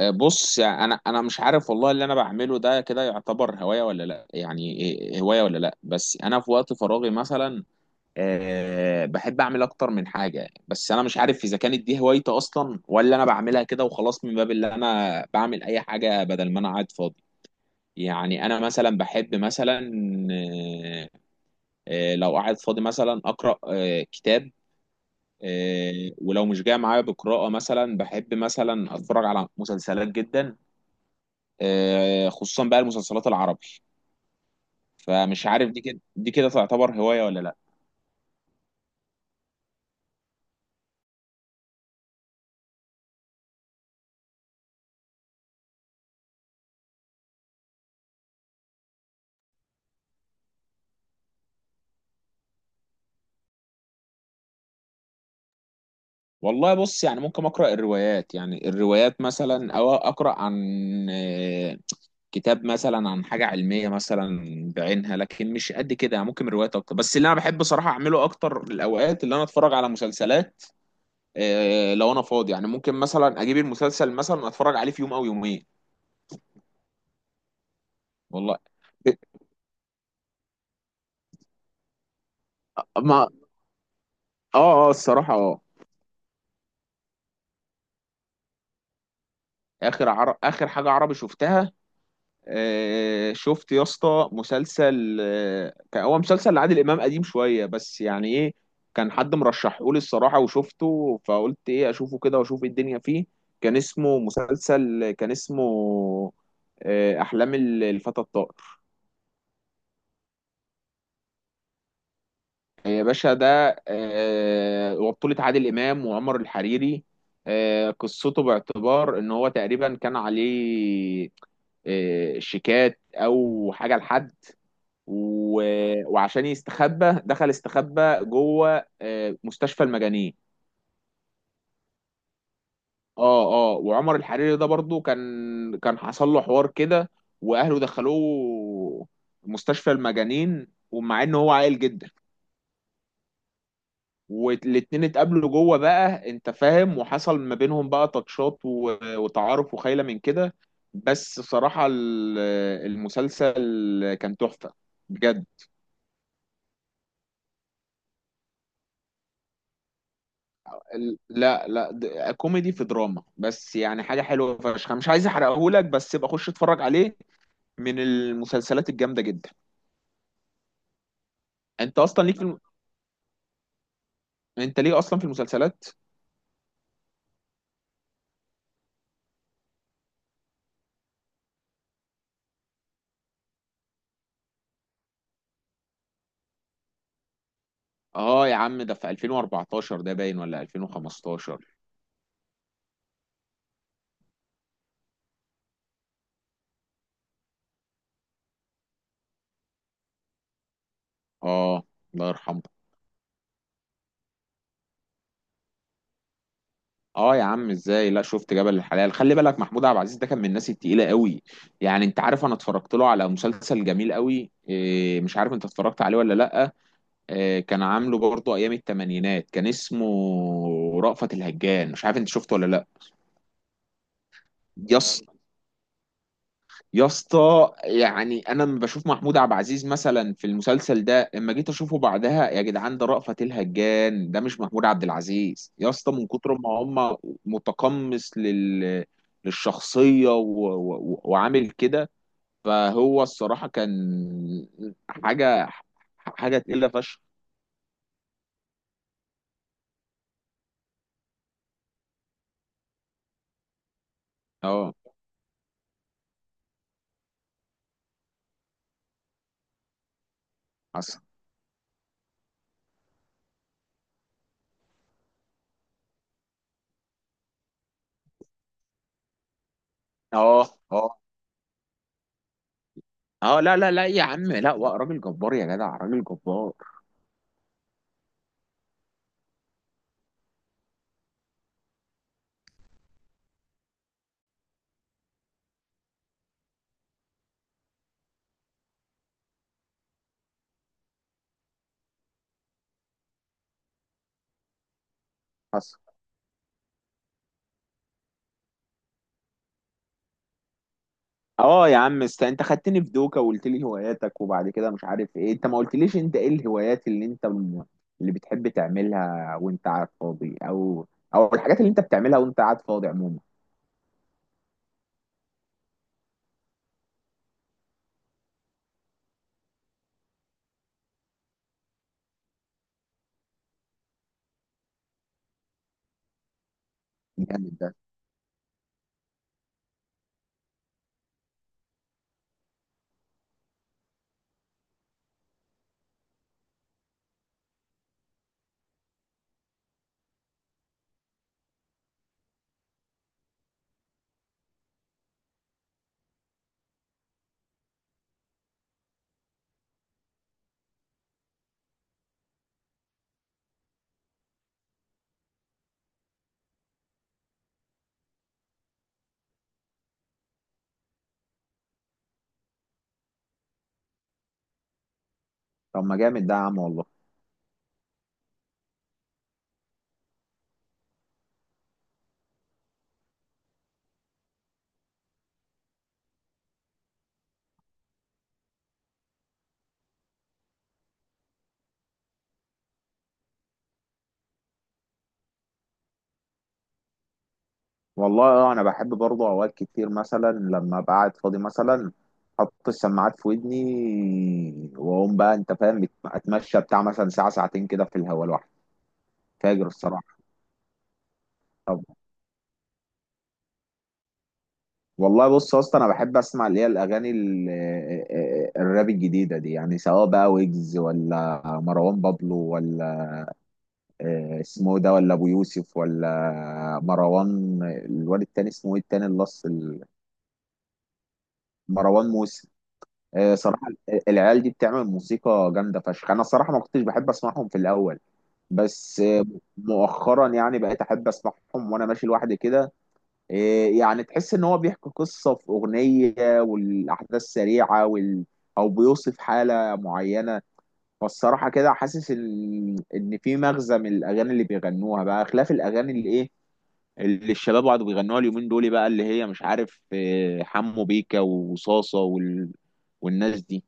بص يعني انا مش عارف والله اللي انا بعمله ده كده يعتبر هوايه ولا لا، يعني هوايه ولا لا. بس انا في وقت فراغي مثلا بحب اعمل اكتر من حاجه. بس انا مش عارف اذا كانت دي هوايتي اصلا ولا انا بعملها كده وخلاص من باب اللي انا بعمل اي حاجه بدل ما انا قاعد فاضي. يعني انا مثلا بحب مثلا، آه، لو قاعد فاضي مثلا اقرا كتاب. ولو مش جاي معايا بقراءه، مثلا بحب مثلا اتفرج على مسلسلات جدا، خصوصا بقى المسلسلات العربي. فمش عارف دي كده تعتبر هواية ولا لا. والله بص، يعني ممكن اقرا الروايات، يعني الروايات مثلا او اقرا عن آه، كتاب مثلا عن حاجة علمية مثلا بعينها، لكن مش قد كده. يعني ممكن روايات اكتر، بس اللي انا بحب صراحة اعمله اكتر الاوقات اللي انا اتفرج على مسلسلات. لو انا فاضي يعني ممكن مثلا اجيب المسلسل مثلا اتفرج عليه في يوم او يومين. والله ما. اه، اه، الصراحة، اه. اخر حاجة عربي شفتها، شفت يا اسطى مسلسل، كان هو مسلسل لعادل امام قديم شويه، بس يعني ايه، كان حد مرشحه لي الصراحه وشفته، فقلت ايه اشوفه كده واشوف إيه الدنيا فيه. كان اسمه احلام الفتى الطائر. يا باشا ده وبطولة عادل امام وعمر الحريري. قصته باعتبار ان هو تقريبا كان عليه شيكات او حاجه لحد. و... وعشان يستخبى دخل استخبى جوه مستشفى المجانين. اه، اه، وعمر الحريري ده برضو كان حصل له حوار كده، واهله دخلوه مستشفى المجانين، ومع ان هو عاقل جدا. والاتنين اتقابلوا جوه بقى انت فاهم، وحصل ما بينهم بقى تاتشات وتعارف وخيله من كده. بس صراحة المسلسل كان تحفة، بجد. لا لا، كوميدي في دراما، بس يعني حاجة حلوة فشخ، مش عايز احرقهولك بس يبقى خش اتفرج عليه، من المسلسلات الجامدة جدا. انت اصلا ليك في الم... انت ليه اصلا في المسلسلات؟ اه يا عم، ده في 2014 ده باين ولا 2015؟ اه. الله يرحمه. اه يا عم ازاي، لا شفت جبل الحلال، خلي بالك محمود عبد العزيز ده كان من الناس التقيلة قوي. يعني انت عارف، انا اتفرجت له على مسلسل جميل قوي، إيه مش عارف انت اتفرجت عليه ولا لا، كان عامله برضه ايام الثمانينات، كان اسمه رأفت الهجان. مش عارف انت شفته ولا لا؟ يس. يا اسطى، يعني انا لما بشوف محمود عبد العزيز مثلا في المسلسل ده، اما جيت اشوفه بعدها، يا جدعان ده رأفت الهجان، ده مش محمود عبد العزيز يا اسطى، من كتر ما هم متقمص للشخصية، وعامل كده. فهو الصراحة كان حاجة حاجة تقيلة فشخ. اه. حصل. اه، اه، اه. لا لا لا يا عم، لا، راجل جبار يا جدع، راجل جبار. حصل. اه يا عم است، انت خدتني في دوكا وقلت لي هواياتك، وبعد كده مش عارف ايه، انت ما قلتليش انت ايه الهوايات اللي بتحب تعملها وانت قاعد فاضي، او او الحاجات اللي انت بتعملها وانت قاعد فاضي عموما. جامد ده. طب ما جامد ده يا عم، والله. والله انا بحب برضه اوقات كتير مثلا لما ابقى قاعد فاضي مثلا، احط السماعات في ودني واقوم بقى انت فاهم اتمشى بتاع مثلا ساعه ساعتين كده في الهواء لوحدي. فاجر الصراحه. طب والله بص يا اسطى، انا بحب اسمع اللي هي الاغاني الراب الجديده دي، يعني سواء بقى ويجز ولا مروان بابلو، ولا اسمه إيه ده، ولا ابو يوسف، ولا مروان الواد التاني اسمه ايه التاني، اللص مروان موسى. صراحه العيال دي بتعمل موسيقى جامده فشخ. انا صراحه ما كنتش بحب اسمعهم في الاول، بس مؤخرا يعني بقيت احب اسمعهم وانا ماشي لوحدي كده. إيه يعني، تحس ان هو بيحكي قصة في اغنية، والاحداث سريعة او بيوصف حالة معينة. فالصراحة كده حاسس ان في مغزى من الاغاني اللي بيغنوها بقى، خلاف الاغاني اللي ايه، اللي الشباب قعدوا بيغنوها اليومين دول بقى، اللي هي مش عارف إيه، حمو بيكا وصاصة والناس دي.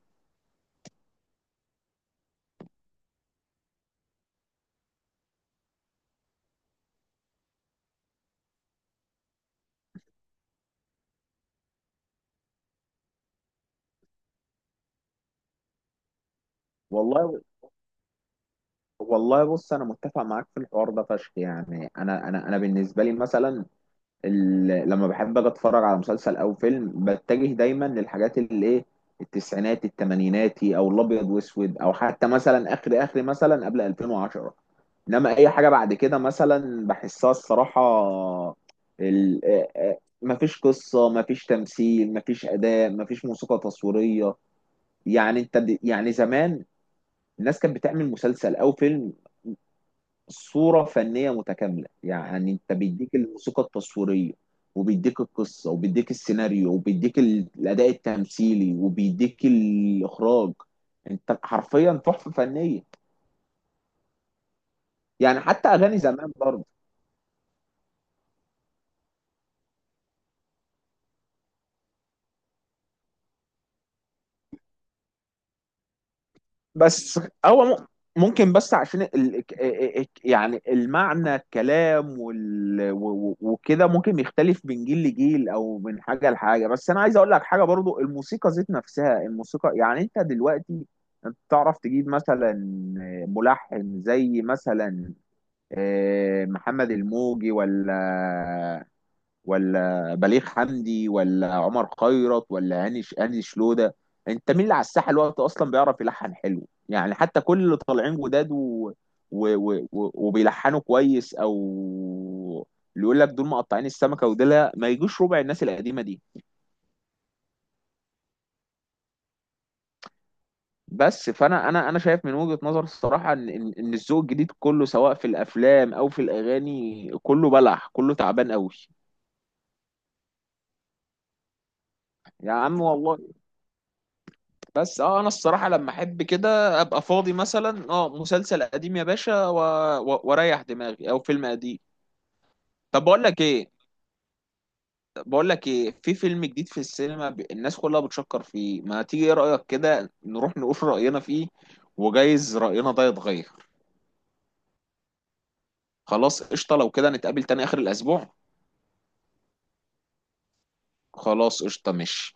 والله. والله بص انا متفق معاك في الحوار ده فشخ. يعني انا انا بالنسبه لي مثلا، لما بحب اجي اتفرج على مسلسل او فيلم، بتجه دايما للحاجات اللي ايه، التسعينات التمانيناتي، او الابيض واسود، او حتى مثلا اخر، اخر مثلا قبل 2010. انما اي حاجه بعد كده مثلا بحسها الصراحه ال... ما فيش قصه، ما فيش تمثيل، ما فيش اداء، ما فيش موسيقى تصويريه. يعني انت يعني زمان الناس كانت بتعمل مسلسل او فيلم صورة فنية متكاملة. يعني انت بيديك الموسيقى التصويرية، وبيديك القصة، وبيديك السيناريو، وبيديك الأداء التمثيلي، وبيديك الإخراج. انت حرفيا تحفة فنية. يعني حتى أغاني زمان برضه. بس هو ممكن، بس عشان يعني المعنى الكلام وكده ممكن يختلف من جيل لجيل او من حاجه لحاجه. بس انا عايز اقول لك حاجه برضو، الموسيقى ذات نفسها، الموسيقى يعني انت دلوقتي انت تعرف تجيب مثلا ملحن زي مثلا محمد الموجي، ولا بليغ حمدي، ولا عمر خيرت، ولا هاني شلوده؟ انت مين اللي على الساحه الوقت اصلا بيعرف يلحن حلو؟ يعني حتى كل اللي طالعين جداد وبيلحنوا كويس، او اللي يقول لك دول مقطعين السمكه، ودول لا، ما يجوش ربع الناس القديمه دي. بس فانا انا شايف من وجهه نظر الصراحه ان ان إن الذوق الجديد كله سواء في الافلام او في الاغاني كله بلح، كله تعبان قوي. يا عم والله. بس انا الصراحه لما احب كده ابقى فاضي مثلا، مسلسل قديم يا باشا واريح دماغي، او فيلم قديم. طب بقول لك ايه، في فيلم جديد في السينما، الناس كلها بتشكر فيه، ما تيجي ايه رايك كده نروح نقول راينا فيه؟ وجايز راينا ده يتغير. خلاص قشطه، لو كده نتقابل تاني اخر الاسبوع. خلاص قشطه ماشي.